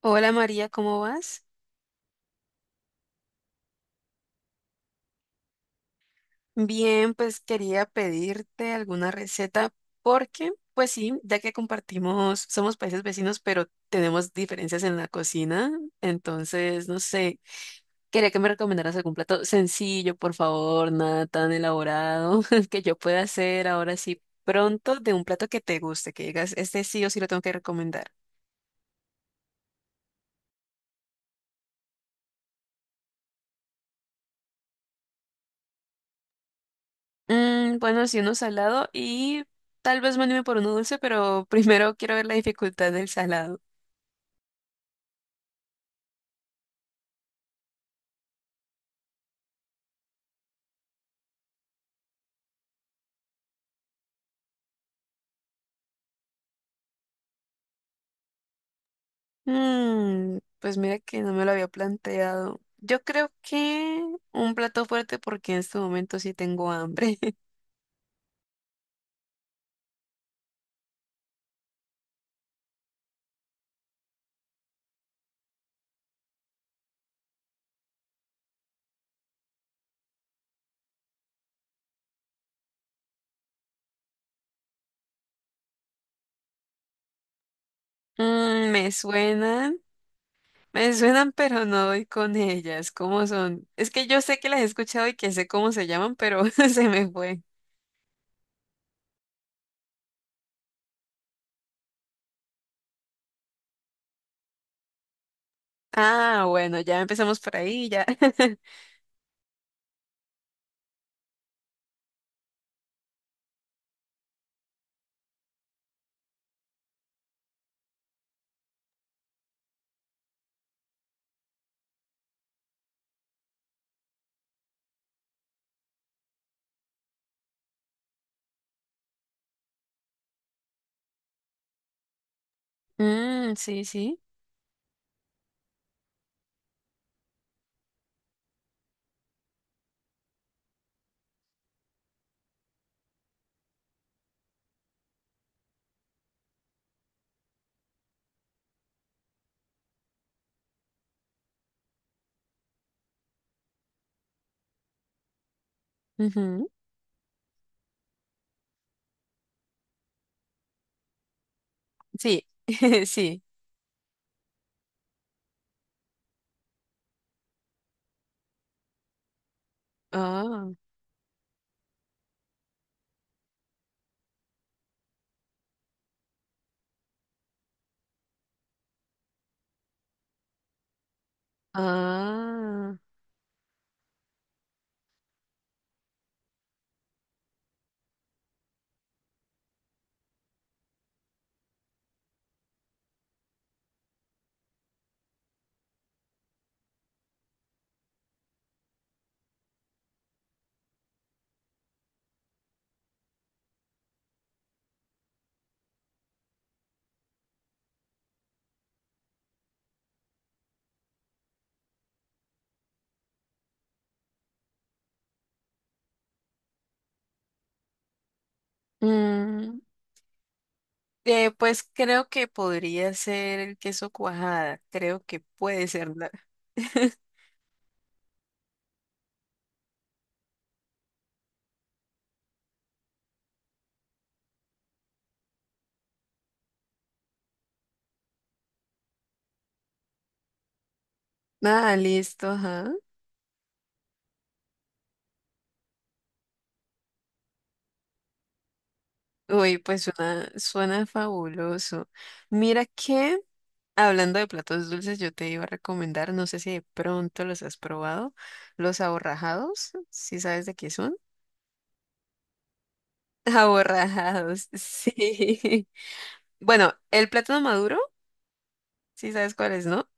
Hola María, ¿cómo vas? Bien, pues quería pedirte alguna receta porque, pues sí, ya que compartimos, somos países vecinos, pero tenemos diferencias en la cocina, entonces, no sé, quería que me recomendaras algún plato sencillo, por favor, nada tan elaborado que yo pueda hacer ahora sí pronto, de un plato que te guste, que digas, este sí o sí lo tengo que recomendar. Bueno, sí, uno salado y tal vez me anime por uno dulce, pero primero quiero ver la dificultad del salado. Pues mira que no me lo había planteado. Yo creo que un plato fuerte porque en este momento sí tengo hambre. Mm, me suenan, pero no doy con ellas. ¿Cómo son? Es que yo sé que las he escuchado y que sé cómo se llaman, pero se me fue. Ah, bueno, ya empezamos por ahí, ya. Mm, sí, sí. Ujú. Sí, sí. Ah, ah. Mm. Pues creo que podría ser el queso cuajada. Creo que puede ser. La- Nada, listo, ajá. Uy, pues suena, suena fabuloso. Mira que, hablando de platos dulces, yo te iba a recomendar, no sé si de pronto los has probado, los aborrajados, si sabes de qué son. Aborrajados, sí. Bueno, el plátano maduro, si sabes cuál es, ¿no?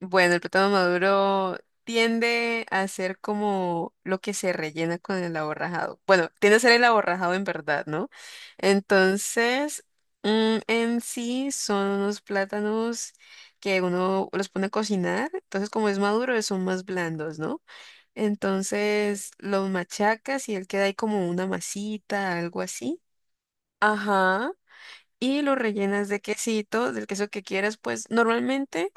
Bueno, el plátano maduro tiende a ser como lo que se rellena con el aborrajado. Bueno, tiende a ser el aborrajado en verdad, ¿no? Entonces, en sí son unos plátanos que uno los pone a cocinar. Entonces, como es maduro, son más blandos, ¿no? Entonces, los machacas y él queda ahí como una masita, algo así. Ajá, y lo rellenas de quesito, del queso que quieras, pues normalmente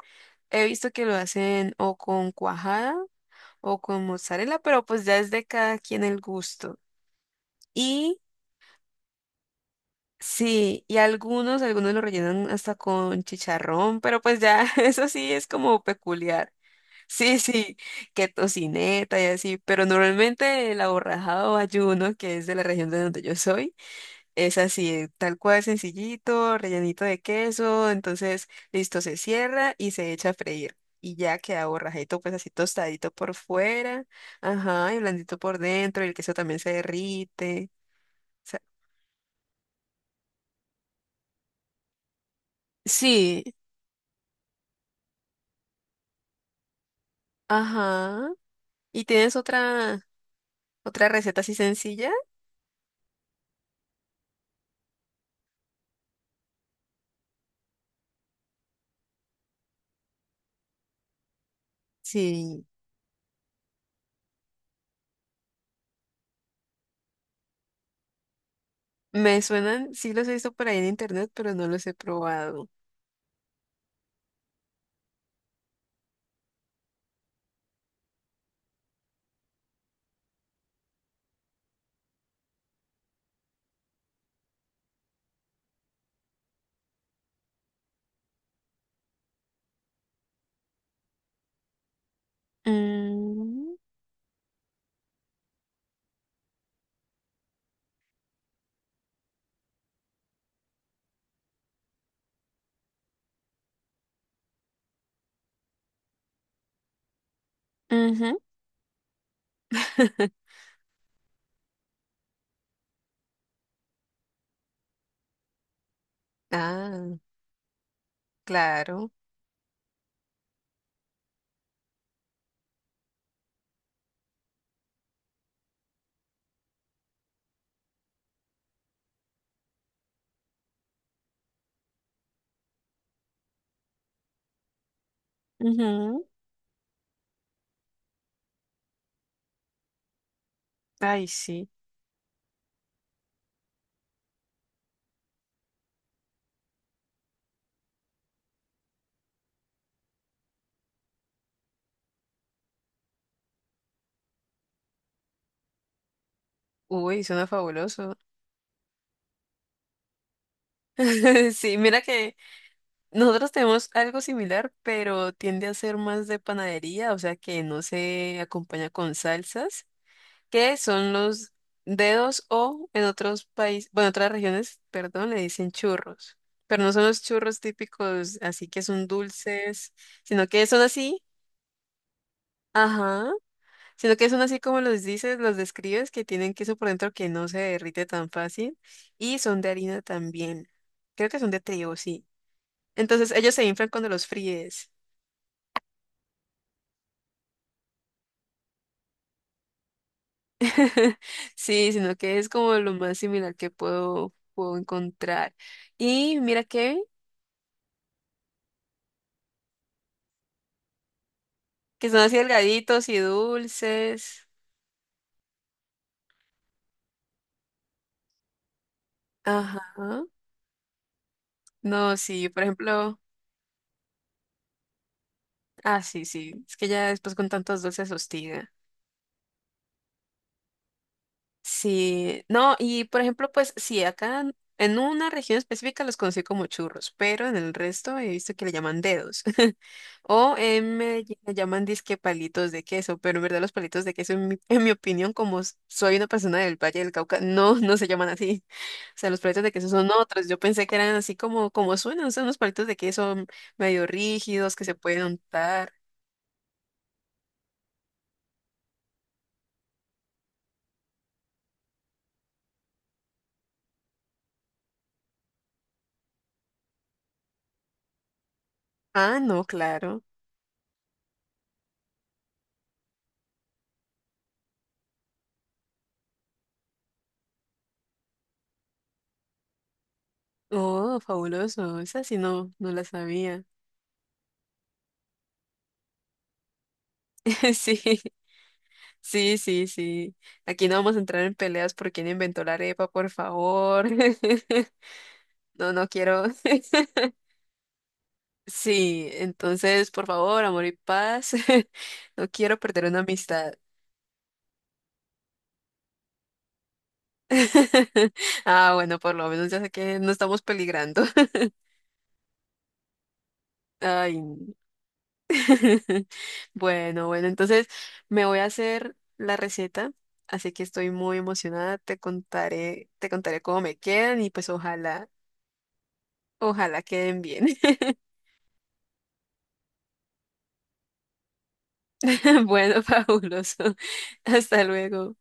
he visto que lo hacen o con cuajada o con mozzarella, pero pues ya es de cada quien el gusto. Y sí, y algunos, algunos lo rellenan hasta con chicharrón, pero pues ya eso sí es como peculiar. Sí, sí, que tocineta y así, pero normalmente el aborrajado o ayuno, que es de la región de donde yo soy, es así, tal cual, sencillito, rellenito de queso, entonces listo, se cierra y se echa a freír. Y ya queda borrajeto, pues así tostadito por fuera, ajá, y blandito por dentro, y el queso también se derrite. O sea, sí, ajá. ¿Y tienes otra, otra receta así sencilla? Sí, me suenan, sí los he visto por ahí en internet, pero no los he probado. Mm, ujú. Ah, claro. Ujú. Ay, sí. Uy, suena fabuloso. Sí, mira que nosotros tenemos algo similar, pero tiende a ser más de panadería, o sea que no se acompaña con salsas, que son los dedos, o en otros países, bueno, otras regiones, perdón, le dicen churros, pero no son los churros típicos, así que son dulces, sino que son así, ajá, sino que son así como los dices, los describes, que tienen queso por dentro que no se derrite tan fácil y son de harina también. Creo que son de trigo, sí. Entonces ellos se inflan cuando los fríes. Sí, sino que es como lo más similar que puedo encontrar. Y mira que son así delgaditos y dulces. Ajá. No, sí, por ejemplo. Ah, sí, sí. Es que ya después con tantos dulces hostiga. Sí, no, y por ejemplo, pues sí, acá en una región específica los conocí como churros, pero en el resto he visto que le llaman dedos. O en Medellín le llaman disque palitos de queso, pero en verdad los palitos de queso, en en mi opinión, como s- soy una persona del Valle del Cauca, no, no se llaman así. O sea, los palitos de queso son otros. Yo pensé que eran así como, como suenan, son unos palitos de queso medio rígidos que se pueden untar. Ah, no, claro. Oh, fabuloso. Esa sí no, no la sabía. Sí. Sí, sí, sí. Aquí no vamos a entrar en peleas por quién inventó la arepa, por favor. No, no quiero. Sí, entonces, por favor, amor y paz. No quiero perder una amistad. Ah, bueno, por lo menos ya sé que no estamos peligrando. Ay. Bueno, bueno, entonces me voy a hacer la receta, así que estoy muy emocionada. Te contaré cómo me quedan y pues ojalá, ojalá queden bien. Bueno, fabuloso. Hasta luego.